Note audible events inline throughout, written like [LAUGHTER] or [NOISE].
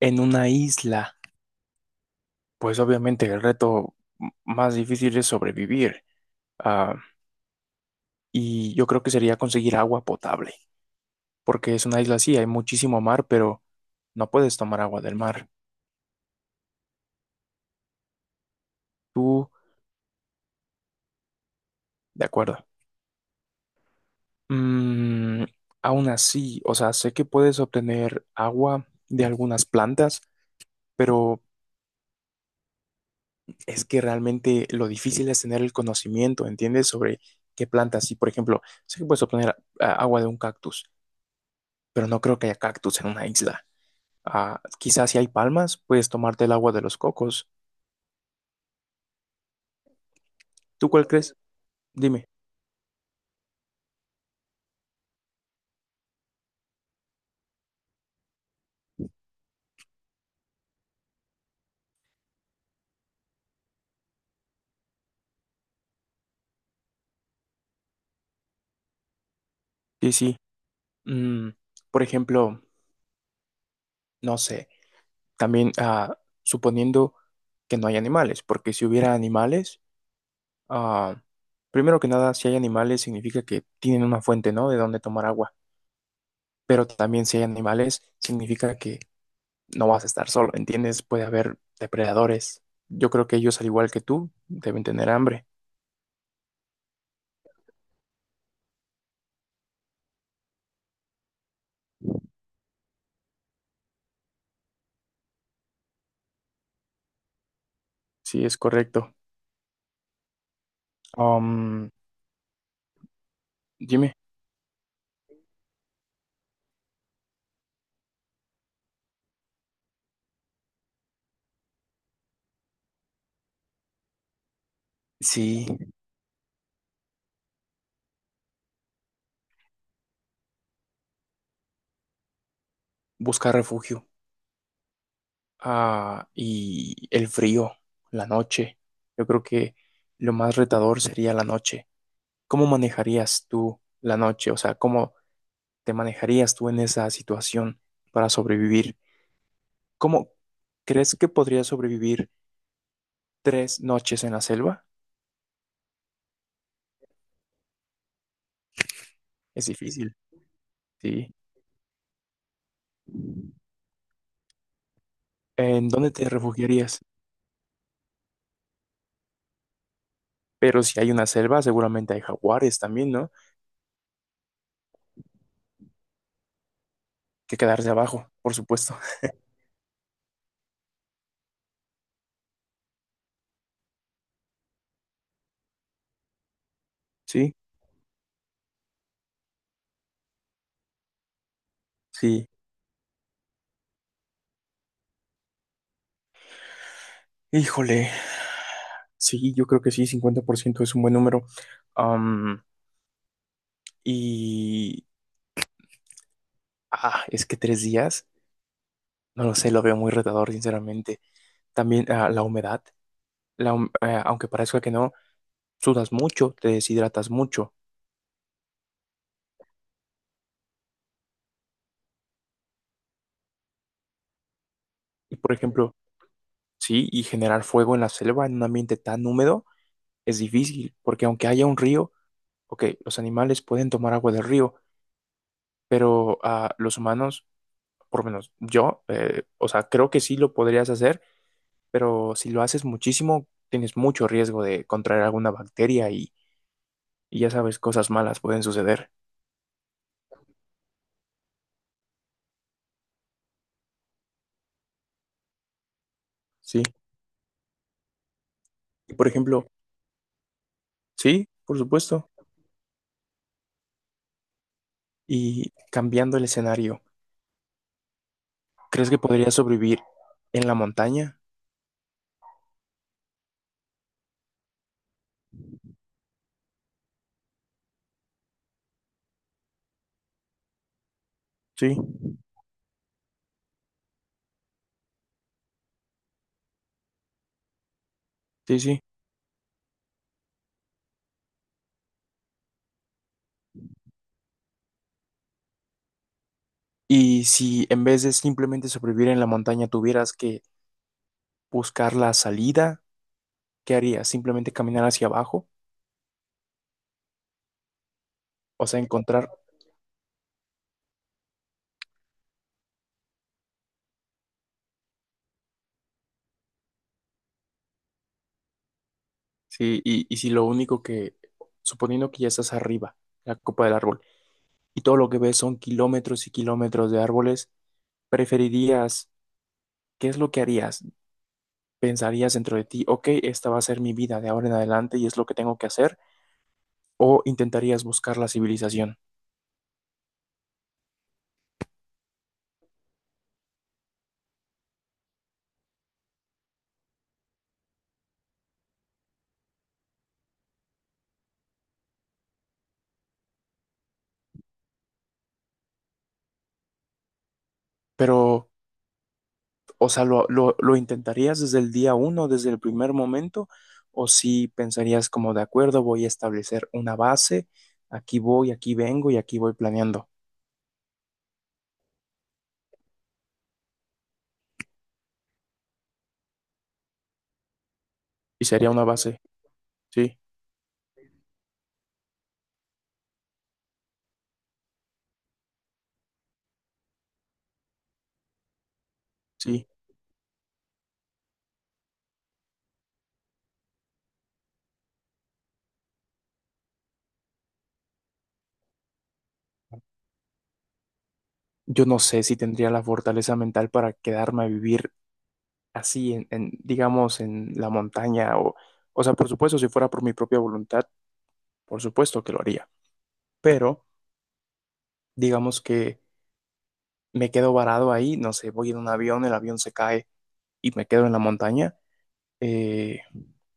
En una isla, pues obviamente el reto más difícil es sobrevivir. Ah, y yo creo que sería conseguir agua potable, porque es una isla así, hay muchísimo mar, pero no puedes tomar agua del mar. Tú, de acuerdo. Mm, Aún así, o sea, sé que puedes obtener agua de algunas plantas, pero es que realmente lo difícil es tener el conocimiento, ¿entiendes? Sobre qué plantas. Y, por ejemplo, sé que puedes obtener agua de un cactus, pero no creo que haya cactus en una isla. Ah, quizás si hay palmas, puedes tomarte el agua de los cocos. ¿Tú cuál crees? Dime. Sí, sí. Mm, por ejemplo, no sé, también suponiendo que no hay animales, porque si hubiera animales, ah, primero que nada, si hay animales significa que tienen una fuente, ¿no? De donde tomar agua, pero también si hay animales significa que no vas a estar solo, ¿entiendes? Puede haber depredadores. Yo creo que ellos, al igual que tú, deben tener hambre. Sí, es correcto. Um, Dime. Sí. Buscar refugio. Ah, y el frío, la noche. Yo creo que lo más retador sería la noche. ¿Cómo manejarías tú la noche? O sea, ¿cómo te manejarías tú en esa situación para sobrevivir? ¿Cómo crees que podrías sobrevivir 3 noches en la selva? Es difícil, sí. ¿En dónde te refugiarías? Pero si hay una selva, seguramente hay jaguares también, ¿no? Que quedarse abajo, por supuesto. [LAUGHS] Sí, sí. Híjole, sí, yo creo que sí. Cincuenta por ciento es un buen número. Am, y es que 3 días, no lo sé, lo veo muy retador, sinceramente. También la humedad, aunque parezca que no, sudas mucho, te deshidratas mucho. Y por ejemplo, sí, y generar fuego en la selva en un ambiente tan húmedo es difícil, porque aunque haya un río, ok, los animales pueden tomar agua del río, pero los humanos, por lo menos yo, o sea, creo que sí lo podrías hacer pero si lo haces muchísimo, tienes mucho riesgo de contraer alguna bacteria y ya sabes, cosas malas pueden suceder, ¿sí? Y por ejemplo, sí, por supuesto. Y cambiando el escenario, ¿crees que podrías sobrevivir en la montaña? Sí, sí, sí. Y si en vez de simplemente sobrevivir en la montaña tuvieras que buscar la salida, ¿qué harías? ¿Simplemente caminar hacia abajo? O sea, encontrar, sí, y si lo único que, suponiendo que ya estás arriba, la copa del árbol, y todo lo que ves son kilómetros y kilómetros de árboles, preferirías, ¿qué es lo que harías? ¿Pensarías dentro de ti, ok, esta va a ser mi vida de ahora en adelante y es lo que tengo que hacer? ¿O intentarías buscar la civilización? Pero, o sea, ¿lo intentarías desde el día uno, desde el primer momento? ¿O si pensarías como, de acuerdo, voy a establecer una base, aquí voy, aquí vengo y aquí voy planeando? Y sería una base, sí, sí. Yo no sé si tendría la fortaleza mental para quedarme a vivir así en, digamos, en la montaña o sea, por supuesto, si fuera por mi propia voluntad, por supuesto que lo haría, pero digamos que me quedo varado ahí, no sé, voy en un avión, el avión se cae y me quedo en la montaña, eh,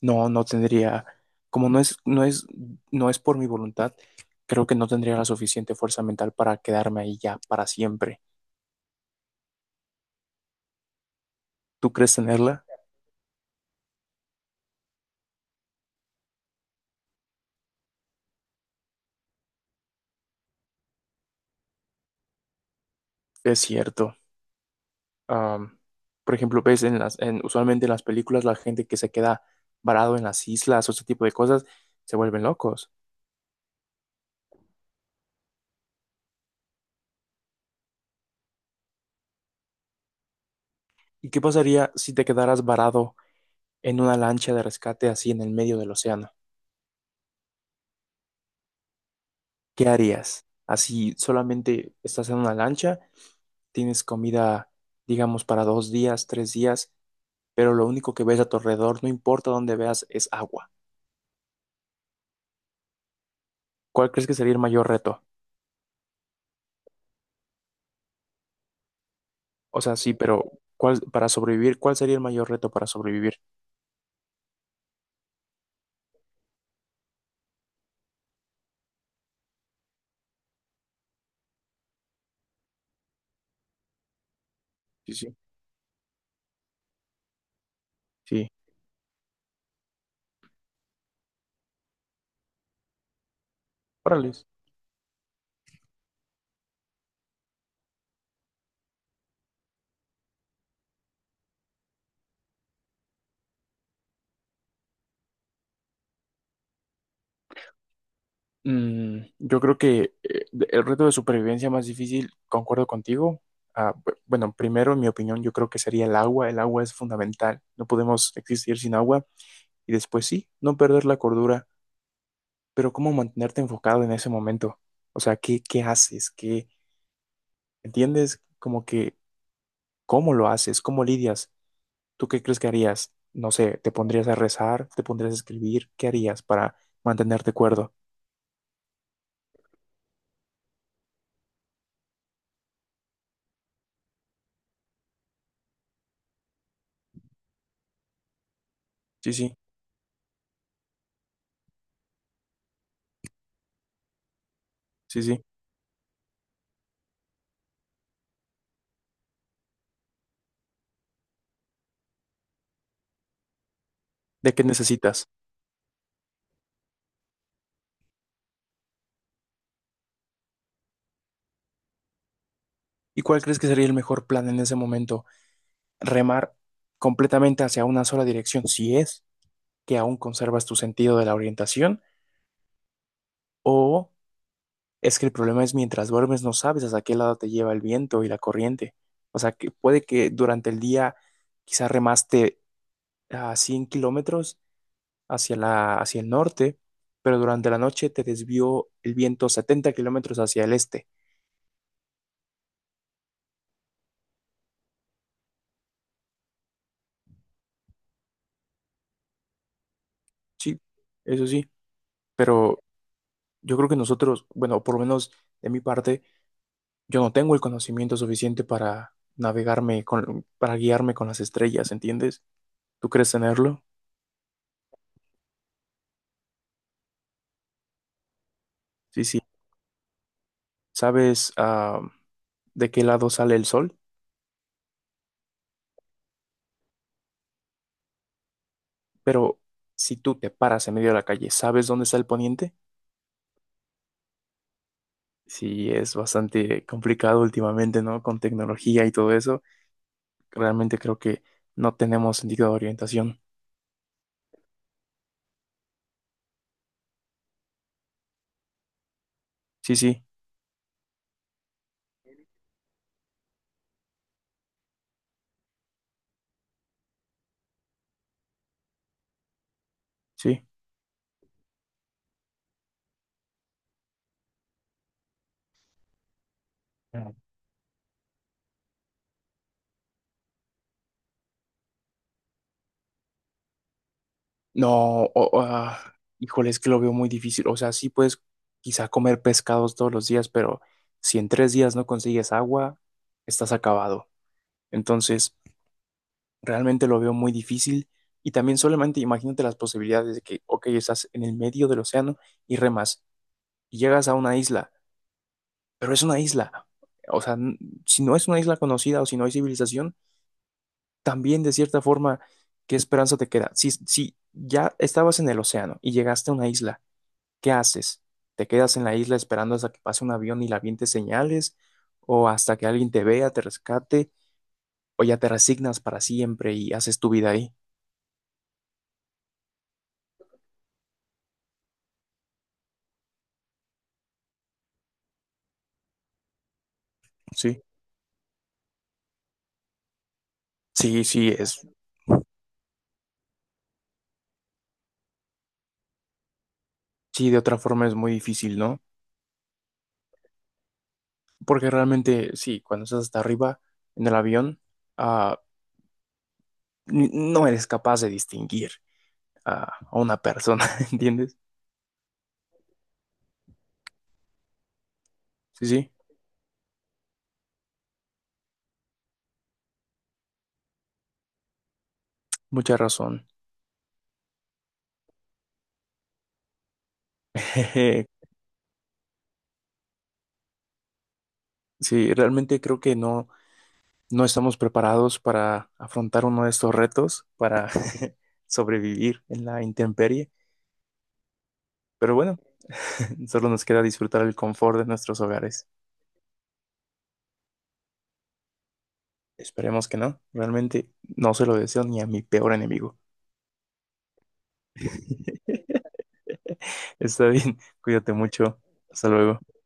no, no tendría, como no es por mi voluntad, creo que no tendría la suficiente fuerza mental para quedarme ahí ya para siempre. ¿Tú crees tenerla? Es cierto. Am, por ejemplo, ves en las, usualmente en las películas la gente que se queda varado en las islas o ese tipo de cosas se vuelven locos. ¿Y qué pasaría si te quedaras varado en una lancha de rescate así en el medio del océano? ¿Qué harías? Así solamente estás en una lancha, tienes comida, digamos, para 2 días, 3 días, pero lo único que ves a tu alrededor, no importa dónde veas, es agua. ¿Cuál crees que sería el mayor reto? O sea, sí, pero ¿cuál, para sobrevivir, cuál sería el mayor reto para sobrevivir? Sí, sí. Sí. Órales. Yo creo que el reto de supervivencia más difícil, concuerdo contigo. Ah, bueno, primero, en mi opinión, yo creo que sería el agua. El agua es fundamental. No podemos existir sin agua. Y después sí, no perder la cordura. Pero ¿cómo mantenerte enfocado en ese momento? O sea, ¿qué haces? ¿Qué entiendes? Como que, ¿cómo lo haces? ¿Cómo lidias? ¿Tú qué crees que harías? No sé, ¿te pondrías a rezar? ¿Te pondrías a escribir? ¿Qué harías para mantenerte cuerdo? Sí, sí, sí, sí. ¿De qué necesitas? ¿Y cuál crees que sería el mejor plan en ese momento? ¿Remar completamente hacia una sola dirección, si es que aún conservas tu sentido de la orientación? ¿O es que el problema es mientras duermes no sabes hacia qué lado te lleva el viento y la corriente? O sea, que puede que durante el día quizás remaste a 100 km hacia el norte, pero durante la noche te desvió el viento 70 km hacia el este. Sí, eso sí, pero yo creo que nosotros, bueno, por lo menos de mi parte, yo no tengo el conocimiento suficiente para guiarme con las estrellas, ¿entiendes? ¿Tú crees tenerlo? Sí, sí. ¿Sabes, de qué lado sale el sol? Pero si tú te paras en medio de la calle, ¿sabes dónde está el poniente? Sí, es bastante complicado últimamente, ¿no? Con tecnología y todo eso. Realmente creo que no tenemos sentido de orientación. Sí, sí, sí. No, híjole, es que lo veo muy difícil. O sea, sí puedes quizá comer pescados todos los días, pero si en 3 días no consigues agua, estás acabado. Entonces, realmente lo veo muy difícil. Y también solamente imagínate las posibilidades de que, ok, estás en el medio del océano y remas y llegas a una isla, pero es una isla. O sea, si no es una isla conocida o si no hay civilización, también de cierta forma, ¿qué esperanza te queda? Si ya estabas en el océano y llegaste a una isla, ¿qué haces? ¿Te quedas en la isla esperando hasta que pase un avión y la aviente señales? ¿O hasta que alguien te vea, te rescate? ¿O ya te resignas para siempre y haces tu vida ahí? Sí, sí, sí, es, sí, de otra forma es muy difícil, ¿no? Porque realmente, sí, cuando estás hasta arriba en el avión, ah, no eres capaz de distinguir a a una persona, [LAUGHS] ¿entiendes? Sí, sí, mucha razón. [LAUGHS] Sí, realmente creo que no. No estamos preparados para afrontar uno de estos retos, para [LAUGHS] sobrevivir en la intemperie, pero bueno, [LAUGHS] solo nos queda disfrutar el confort de nuestros hogares. Esperemos que no, realmente no se lo deseo ni a mi peor enemigo. [LAUGHS] Está bien, cuídate mucho, hasta luego.